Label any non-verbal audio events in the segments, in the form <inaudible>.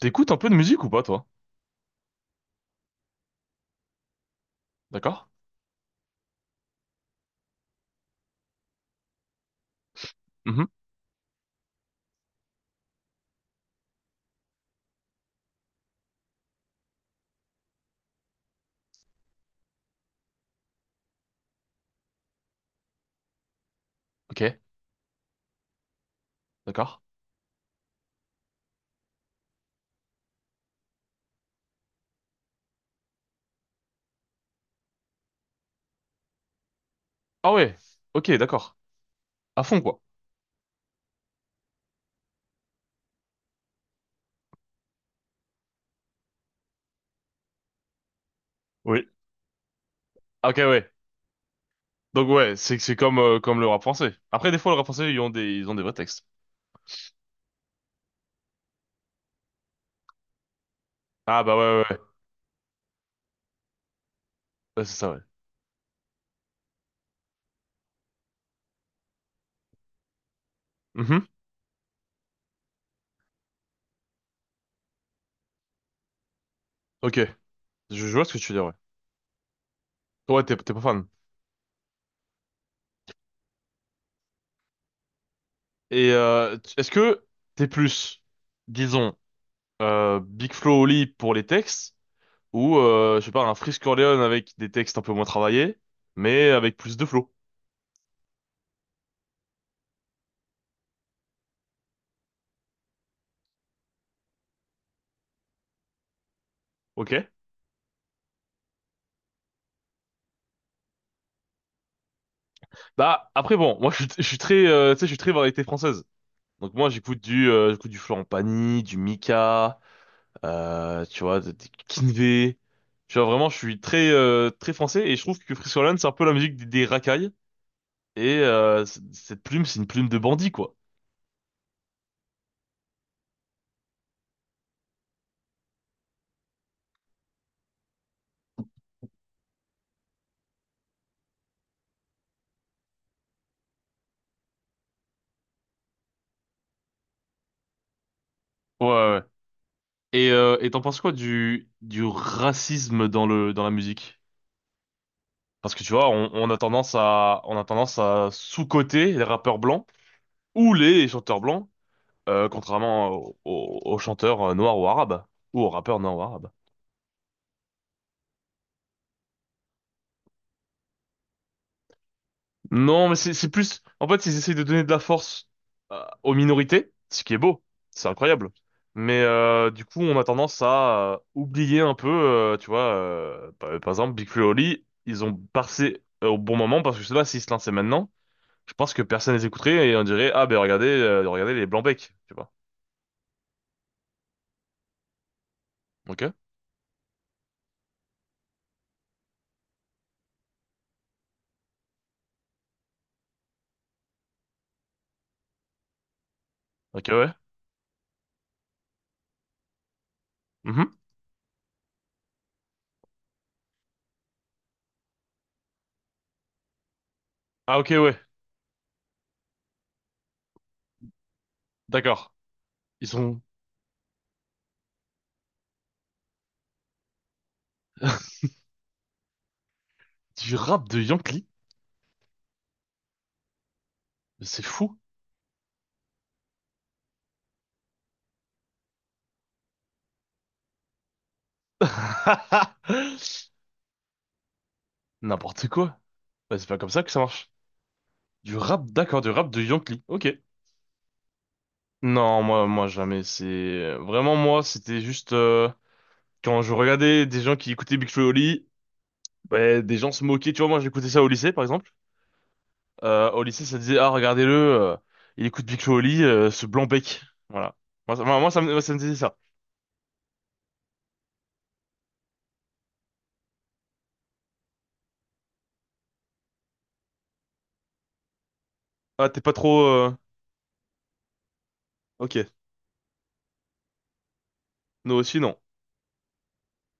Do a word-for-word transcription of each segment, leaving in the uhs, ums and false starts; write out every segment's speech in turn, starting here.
T'écoutes un peu de musique ou pas, toi? D'accord? Mhm. Ok, d'accord. Ah ouais, ok, d'accord. À fond, quoi. Oui. Ah, ok, ouais. Donc ouais, c'est c'est comme euh, comme le rap français. Après, des fois, le rap français, ils ont des ils ont des vrais textes. Ah bah ouais, ouais, ouais. Ouais, c'est ça, ouais. Mhm. Ok, je, je vois ce que tu veux dire, ouais. Ouais, t'es t'es pas fan. Et euh, tu- est-ce que t'es plus, disons, euh, Big Flo Oli pour les textes ou euh, je sais pas un Freeze Corleone avec des textes un peu moins travaillés, mais avec plus de flow. Ok? Bah après bon, moi je, suis je suis très euh, tu sais je suis très variété française. Donc moi j'écoute du euh, j'écoute du Florent Pagny, du Mika, euh, tu vois des des Kinvé. Tu vois vraiment je suis très euh, très français et je trouve que Friscoland c'est un peu la musique des, des racailles et euh, c- cette plume c'est une plume de bandit quoi. Ouais, ouais. Et euh, et t'en penses quoi du du racisme dans le dans la musique? Parce que tu vois on, on a tendance à on a tendance à sous-coter les rappeurs blancs ou les chanteurs blancs. Euh, contrairement aux aux- aux chanteurs euh, noirs ou arabes, ou aux rappeurs noirs ou arabes. Non, mais c'est c'est plus… En fait, ils essayent de donner de la force euh, aux minorités, ce qui est beau, c'est incroyable. Mais euh, du coup, on a tendance à euh, oublier un peu, euh, tu vois, euh, par, par exemple, Big Flo et Oli, ils ont passé euh, au bon moment, parce que je sais pas s'ils se lançaient maintenant, je pense que personne les écouterait et on dirait, ah ben regardez, euh, regardez les Blancs-Becs, tu vois. Ok? Ok, ouais. Mhm. Ah ok, ouais. D'accord. Ils ont <laughs> du rap de Yankee. Mais c'est fou. <laughs> N'importe quoi. Bah, c'est pas comme ça que ça marche. Du rap, d'accord, du rap de Yankee. Ok. Non, moi, moi, jamais. C'est vraiment moi. C'était juste euh, quand je regardais des gens qui écoutaient Big Flo et Oli, ouais, des gens se moquaient. Tu vois, moi, j'écoutais ça au lycée, par exemple. Euh, au lycée, ça disait, ah, regardez-le, euh, il écoute Big Flo et Oli, euh, ce blanc bec. Voilà. Moi, ça, moi, moi, ça me, moi, ça me disait ça. Ah, t'es pas trop… euh, Ok. Nous aussi, non.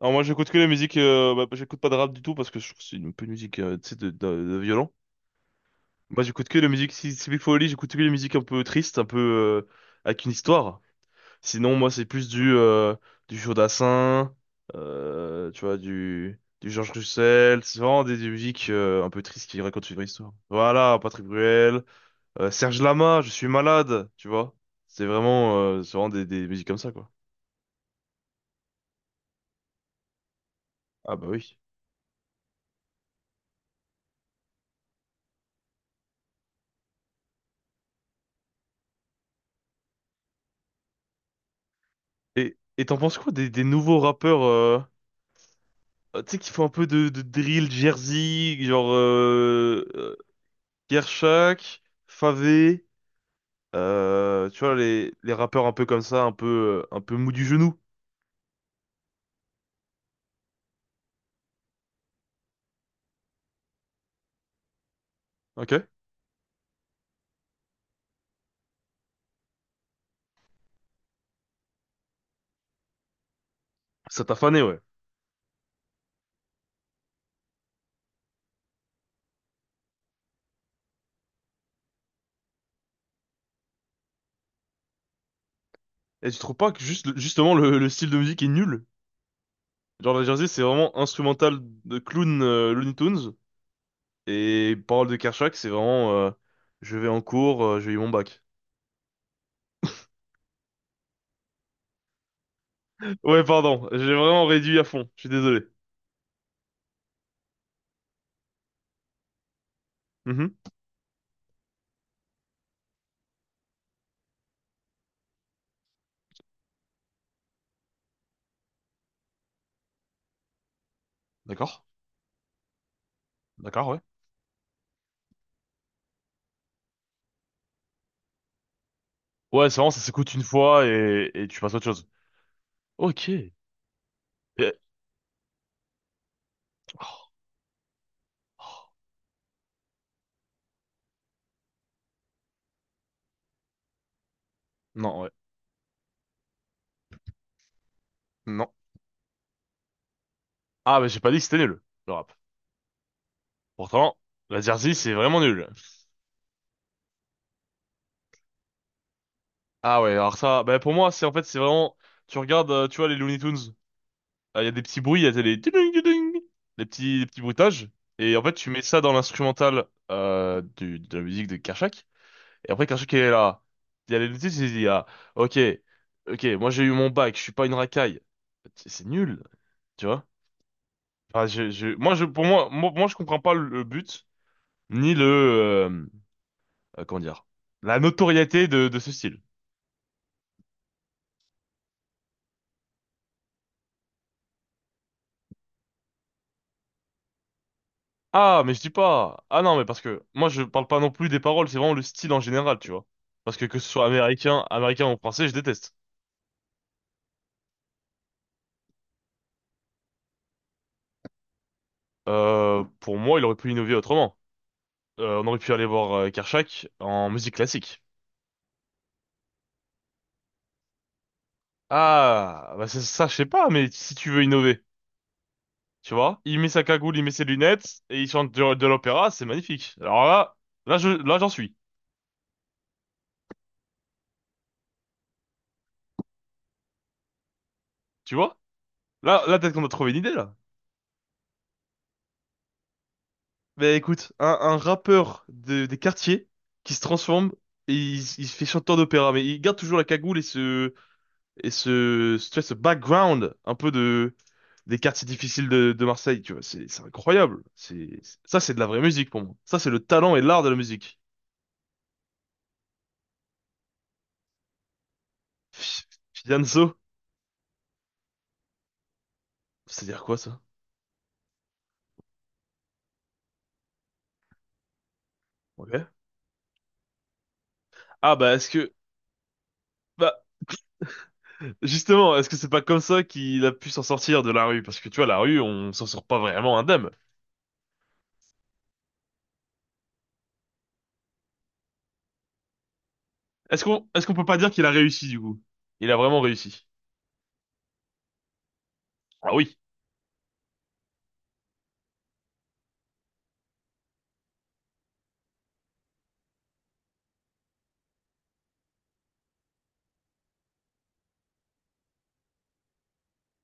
Alors moi j'écoute que les musiques, euh, bah, j'écoute pas de rap du tout parce que je trouve que c'est une peu une musique euh, tu sais, de, de, de violon. Moi, j'écoute que la musique, si si il faut au lit, j'écoute que les musiques un peu tristes, un peu euh, avec une histoire. Sinon, moi, c'est plus du euh, du Jodassin, euh, tu vois, du du Georges Russel. C'est vraiment des, des musiques euh, un peu tristes qui racontent une vraie histoire. Voilà, Patrick Bruel, euh, Serge Lama, Je suis malade, tu vois. C'est vraiment, euh, c'est vraiment des, des musiques comme ça, quoi. Ah bah oui. Et et t'en penses quoi des, des nouveaux rappeurs, euh, euh, tu sais, qui font un peu de, de drill, Jersey, genre euh, euh, Kershak, Favé, euh, tu vois, les, les rappeurs un peu comme ça, un peu, euh, un peu mou du genou. Ok? Ça t'a fané, ouais. Et tu trouves pas que juste, justement, le, le style de musique est nul? Genre, la Jersey, c'est vraiment instrumental de clown, euh, Looney Tunes. Et paroles de Kershak, c'est vraiment euh, je vais en cours, euh, j'ai eu mon bac. <laughs> Ouais, pardon, j'ai vraiment réduit à fond, je suis désolé. Mhm. D'accord, d'accord, ouais. Ouais, c'est vraiment, ça s'écoute une fois et, et tu passes à autre chose. Ok. Et… oh, oh. Non, ouais. Non. Ah, mais j'ai pas dit que c'était nul, le rap. Pourtant, la Jersey, c'est vraiment nul. Ah ouais, alors ça, bah pour moi, c'est en fait, c'est vraiment… Tu regardes, euh, tu vois, les Looney Tunes, euh, il y a des petits bruits, il y a des tudung, tudung. Les petits, les petits bruitages. Et en fait, tu mets ça dans l'instrumental euh, du- de la musique de Kershak. Et après, Kershak, il est là. Il y a les Looney Tunes, il dit, ah, ok, ok, moi j'ai eu mon bac, je suis pas une racaille. C'est c'est nul, tu vois? Enfin, je, je, moi, je, pour moi, moi, moi, je comprends pas le le but, ni le… euh, euh, comment dire, la notoriété de, de ce style. Ah, mais je dis pas. Ah non, mais parce que moi je parle pas non plus des paroles, c'est vraiment le style en général, tu vois. Parce que que ce soit américain, américain ou français, je déteste. Euh, pour moi, il aurait pu innover autrement. Euh, on aurait pu aller voir euh, Kershak en musique classique. Ah, bah c'est ça, je sais pas, mais si tu veux innover, tu vois, il met sa cagoule, il met ses lunettes et il chante de, de l'opéra, c'est magnifique. Alors là, là je, là j'en suis, tu vois. Là, là peut-être qu'on a trouvé une idée là. Ben écoute, un, un rappeur de- des quartiers qui se transforme et il, s- il se fait chanteur d'opéra, mais il garde toujours la cagoule et ce et ce, ce- tu vois, ce background un peu de des quartiers difficiles de, de Marseille, tu vois, c'est c'est incroyable. C'est ça, c'est de la vraie musique pour moi. Ça, c'est le talent et l'art de la musique. Fi- Fianzo, c'est-à-dire quoi ça? Ok. Ah bah est-ce que bah justement, est-ce que c'est pas comme ça qu'il a pu s'en sortir de la rue? Parce que tu vois, la rue, on s'en sort pas vraiment indemne. Est-ce qu'on est-ce qu'on peut pas dire qu'il a réussi du coup? Il a vraiment réussi. Ah oui.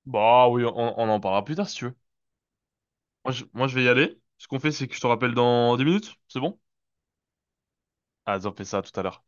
Bah oui, on, on en parlera plus tard si tu veux. Moi je, moi je vais y aller. Ce qu'on fait c'est que je te rappelle dans dix minutes, c'est bon? Ah, on fait ça tout à l'heure.